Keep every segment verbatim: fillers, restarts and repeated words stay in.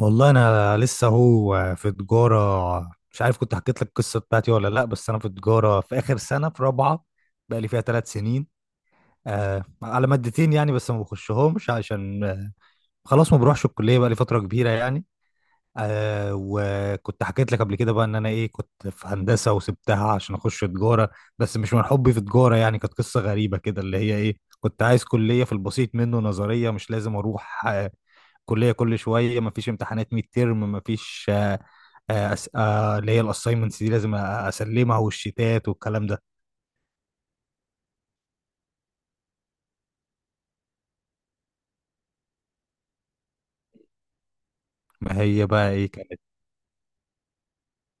والله انا لسه هو في تجاره. مش عارف كنت حكيت لك القصه بتاعتي ولا لا، بس انا في تجاره في اخر سنه في رابعه، بقى لي فيها ثلاث سنين. آه، على مادتين يعني، بس ما بخشهمش عشان آه، خلاص ما بروحش الكليه، بقى لي فتره كبيره يعني. آه، وكنت حكيت لك قبل كده بقى ان انا ايه، كنت في هندسه وسبتها عشان اخش تجاره، بس مش من حبي في تجاره يعني. كانت قصه غريبه كده، اللي هي ايه، كنت عايز كليه في البسيط منه، نظريه مش لازم اروح آه، كلية كل شوية، مفيش امتحانات ميد ترم، مفيش آه، آه، أس- آه، اللي هي الاساينمنتس دي لازم أ- اسلمها، والشتات والكلام ده. ما هي بقى ايه كانت.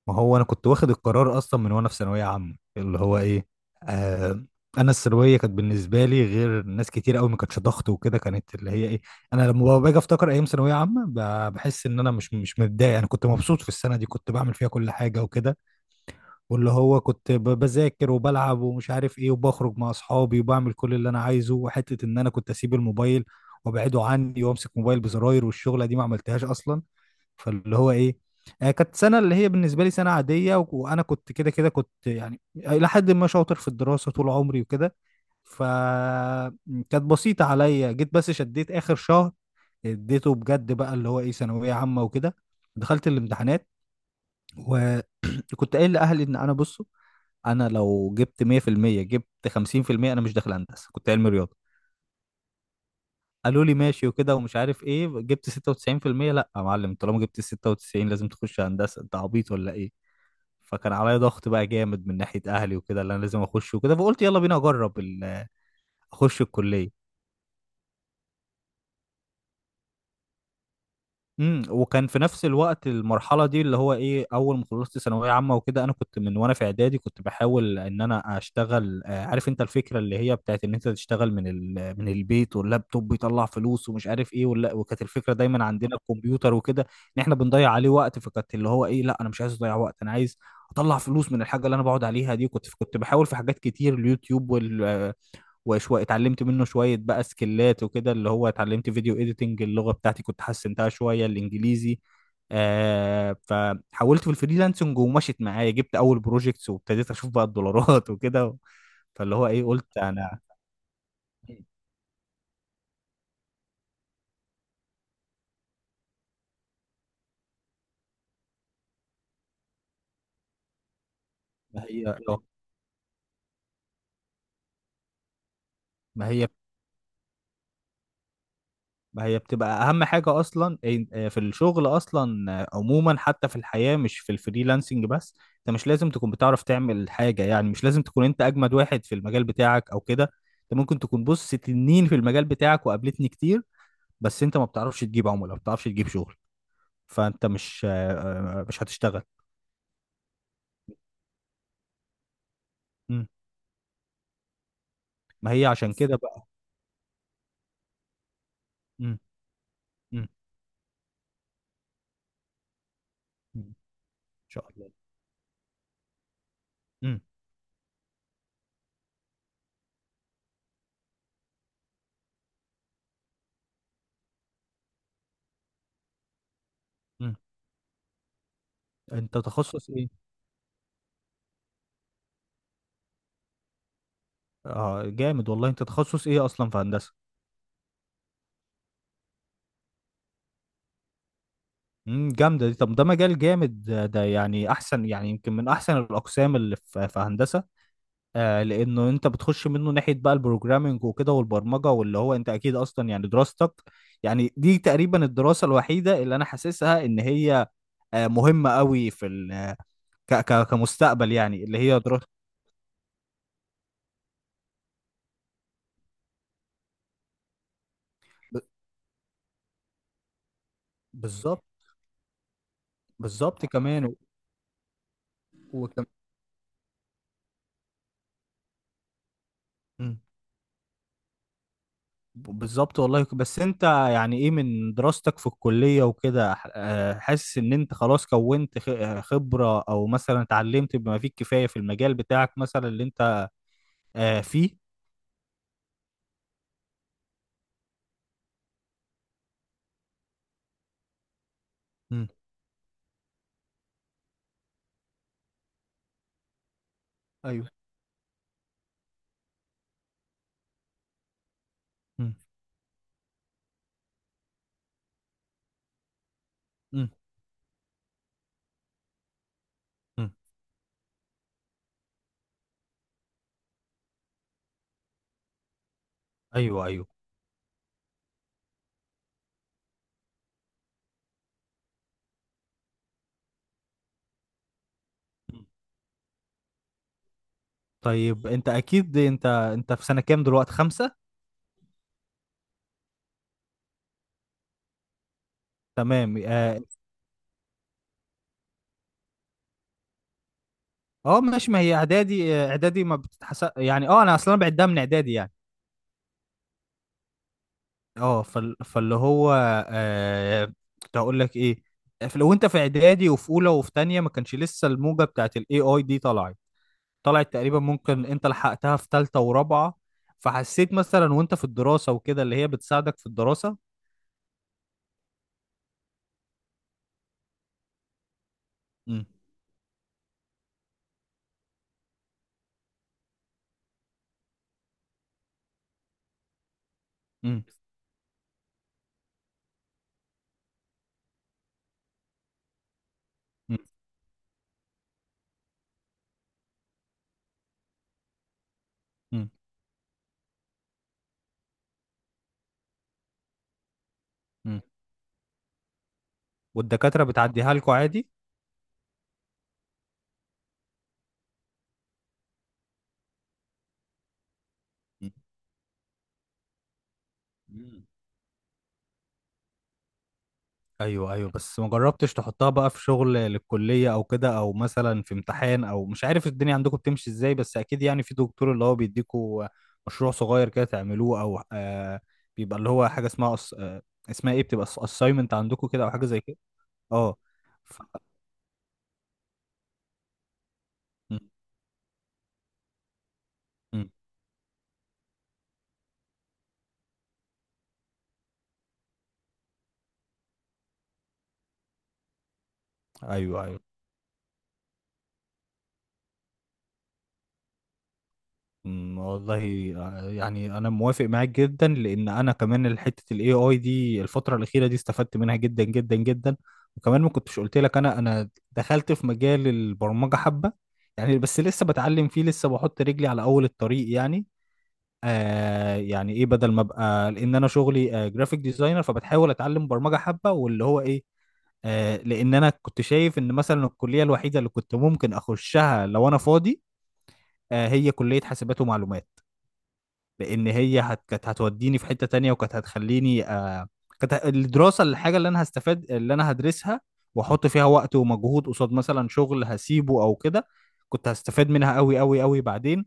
ما هو انا كنت واخد القرار اصلا من وانا في ثانوية عامة، اللي هو ايه، آه، انا الثانويه كانت بالنسبه لي غير ناس كتير قوي، ما كانتش ضغط وكده، كانت اللي هي ايه، انا لما باجي افتكر ايام ثانويه عامه، ب- بحس ان انا مش مش متضايق. انا كنت مبسوط في السنه دي، كنت بعمل فيها كل حاجه وكده، واللي هو كنت ب- بذاكر وبلعب ومش عارف ايه، وبخرج مع اصحابي وبعمل كل اللي انا عايزه. وحته ان انا كنت اسيب الموبايل وابعده عني وامسك موبايل بزراير، والشغله دي ما عملتهاش اصلا. فاللي هو ايه، آه، كانت سنه اللي هي بالنسبه لي سنه عاديه و- وانا كنت كده كده، كنت يعني الى حد ما شاطر في الدراسه طول عمري وكده، فكانت بسيطه عليا. جيت بس شديت اخر شهر، اديته بجد بقى، اللي هو ايه ثانويه عامه وكده. دخلت الامتحانات، كنت قايل لاهلي ان انا بصوا، انا لو جبت مية في المية جبت خمسين في المية، انا مش داخل هندسه، كنت علمي رياضه. قالوا لي ماشي وكده ومش عارف ايه. جبت ستة وتسعين في المية، لا يا معلم طالما جبت ستة وتسعين لازم تخش هندسه، انت عبيط ولا ايه؟ فكان عليا ضغط بقى جامد من ناحيه اهلي وكده، اللي انا لازم اخش وكده. فقلت يلا بينا اجرب ال- اخش الكليه. امم وكان في نفس الوقت المرحله دي اللي هو ايه، اول ما خلصت ثانويه عامه وكده، انا كنت من وانا في اعدادي كنت بحاول ان انا اشتغل. آه، عارف انت الفكره اللي هي بتاعت ان انت تشتغل من ال... من البيت واللابتوب بيطلع فلوس ومش عارف ايه ولا. وكانت الفكره دايما عندنا الكمبيوتر وكده ان احنا بنضيع عليه وقت. فكانت اللي هو ايه، لا انا مش عايز اضيع وقت، انا عايز اطلع فلوس من الحاجه اللي انا بقعد عليها دي. كنت كنت بحاول في حاجات كتير، اليوتيوب وشوية اتعلمت منه شوية بقى سكيلات وكده، اللي هو اتعلمت فيديو اديتنج. اللغة بتاعتي كنت حسنتها شوية، الانجليزي. آه، فحولت في الفريلانسنج ومشيت معايا، جبت اول بروجكتس وابتديت اشوف بقى الدولارات وكده. فاللي هو ايه، قلت انا ما هي ما هي ما هي بتبقى اهم حاجه اصلا، إن- آه، في الشغل اصلا، آه، عموما حتى في الحياه، مش في الفريلانسنج بس. انت مش لازم تكون بتعرف تعمل حاجه يعني، مش لازم تكون انت اجمد واحد في المجال بتاعك او كده. انت ممكن تكون بص تنين في المجال بتاعك، وقابلتني كتير، بس انت ما بتعرفش تجيب عملاء، ما بتعرفش تجيب شغل، فانت مش آه، آه، مش هتشتغل. مم. ما هي عشان كده بقى. مم. مم. مم. ان شاء الله. مم. مم. انت تخصص ايه؟ اه، جامد والله. انت تخصص ايه اصلا في هندسه؟ امم، جامده دي. طب ده مجال جامد ده، ده يعني احسن، يعني يمكن من احسن الاقسام اللي في في هندسه. آه، لانه انت بتخش منه ناحيه بقى البروجرامينج وكده والبرمجه، واللي هو انت اكيد اصلا يعني دراستك، يعني دي تقريبا الدراسه الوحيده اللي انا حاسسها ان هي آه، مهمه قوي في ال ك ك كمستقبل يعني، اللي هي دراسه. ب- بالظبط، بالظبط. كمان و- وكم... بالظبط والله. بس انت يعني ايه من دراستك في الكلية وكده، ح- آه، حاسس ان انت خلاص كونت خ- آه، خبرة، او مثلا اتعلمت بما فيه الكفاية في المجال بتاعك مثلا، اللي انت آه، فيه؟ مم. ايوه. مم. مم. مم. ايوه ايوه. طيب انت اكيد انت انت في سنة كام دلوقتي، خمسة؟ تمام، اه. آه، ماشي. ما هي اعدادي، آه، اعدادي ما بتتحسب يعني، اه انا اصلا بعدها من اعدادي يعني. اه، فال... فاللي هو آه، كنت هقول لك ايه، آه، في- لو انت في اعدادي وفي اولى وفي تانية، ما كانش لسه الموجه بتاعت الاي اي دي طلعت. طلعت تقريبا، ممكن انت لحقتها في تالتة ورابعة، فحسيت مثلا وانت في الدراسة وكده اللي هي بتساعدك في الدراسة؟ امم. امم. امم. امم. والدكاترة بتعديها لكم عادي؟ مم. ايوه ايوه. بس ما جربتش تحطها بقى في شغل للكليه او كده، او مثلا في امتحان، او مش عارف الدنيا عندكم بتمشي ازاي، بس اكيد يعني في دكتور اللي هو بيديكوا مشروع صغير كده تعملوه، او آه، بيبقى اللي هو حاجه اسمها أص... آه اسمها ايه، بتبقى اساينمنت عندكم كده او حاجه زي كده. اه. ف... م- م. ايوه ايوه. أمم، والله آه، يعني انا موافق معاك جدا، لان انا كمان حته الاي اي دي الفتره الاخيره دي استفدت منها جدا جدا جدا. وكمان ما كنتش قلت لك، انا انا دخلت في مجال البرمجه حبه يعني، بس لسه بتعلم فيه، لسه بحط رجلي على اول الطريق يعني. آه، يعني ايه، بدل ما ابقى، لان انا شغلي آه جرافيك ديزاينر، فبتحاول اتعلم برمجه حبه، واللي هو ايه آه، لان انا كنت شايف ان مثلا الكليه الوحيده اللي كنت ممكن اخشها لو انا فاضي آه، هي كليه حاسبات ومعلومات. لان هي هت... كانت هتوديني في حتة تانية، وكانت هتخليني آه... كانت ه- الدراسة، الحاجة اللي انا هستفاد اللي انا هدرسها واحط فيها وقت ومجهود قصاد مثلا شغل هسيبه او كده، كنت هستفاد منها قوي قوي قوي بعدين.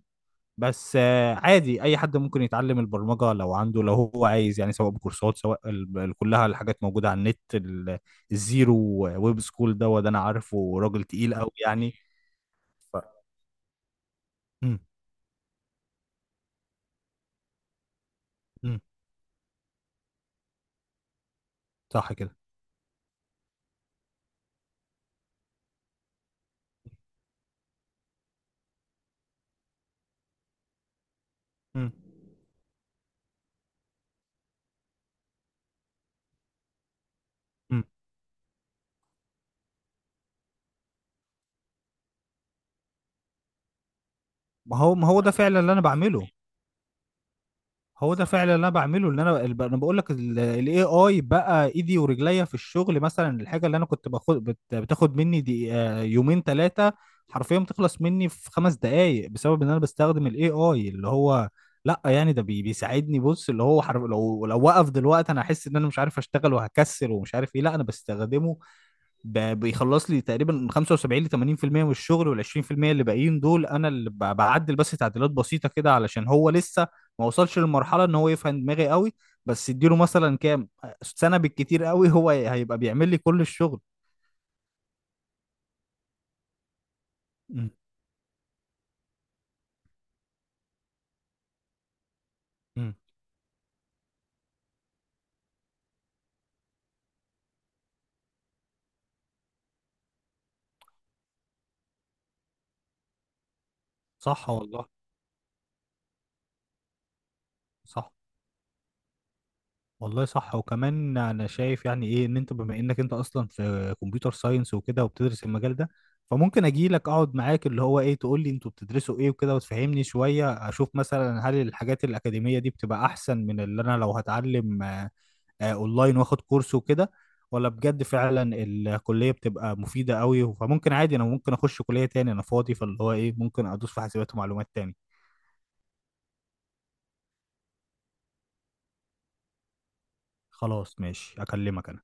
بس آه، عادي اي حد ممكن يتعلم البرمجة لو عنده، لو هو عايز يعني، سواء بكورسات، سواء ال- ال- كلها الحاجات موجودة على النت، ال- الزيرو ويب سكول ده وده انا عارفه راجل تقيل قوي يعني. ف... مم. مم. صح كده. مم. مم. ما هو ما هو ده فعلا اللي انا بعمله. هو ده فعلا اللي انا بعمله. اللي انا الب- انا بقول لك، الاي اي بقى ايدي ورجليا في الشغل. مثلا الحاجه اللي انا كنت باخد بت- بتاخد مني دي آه، يومين ثلاثه، حرفيا بتخلص مني في خمس دقائق، بسبب ان انا بستخدم الاي اي. اللي هو لا يعني ده بي- بيساعدني، بص اللي هو حرف، لو لو وقف دلوقتي انا احس ان انا مش عارف اشتغل وهكسل ومش عارف ايه. لا انا بستخدمه، ب- بيخلص لي تقريبا من خمسة وسبعين ل تمانين في المية من الشغل، وال عشرين في المية اللي باقيين دول انا اللي ب- بعدل بس تعديلات بسيطه كده، علشان هو لسه ما وصلش للمرحله ان هو يفهم دماغي قوي. بس اديله مثلا كام سنه بالكتير قوي، هو هيبقى بيعمل لي كل الشغل. م- م. صح والله. صح والله صح. وكمان انا شايف يعني ايه، ان انت بما انك انت اصلا في كمبيوتر ساينس وكده وبتدرس المجال ده، فممكن اجي لك اقعد معاك اللي هو ايه تقول لي انتوا بتدرسوا ايه وكده وتفهمني شوية، اشوف مثلا هل الحاجات الاكاديمية دي بتبقى احسن من اللي انا لو هتعلم آه، آه، اونلاين واخد كورس وكده، ولا بجد فعلا الكلية بتبقى مفيدة قوي. فممكن عادي، انا ممكن اخش كلية تاني انا فاضي، فاللي هو ايه ممكن ادوس في حاسبات ومعلومات تاني. خلاص ماشي اكلمك انا.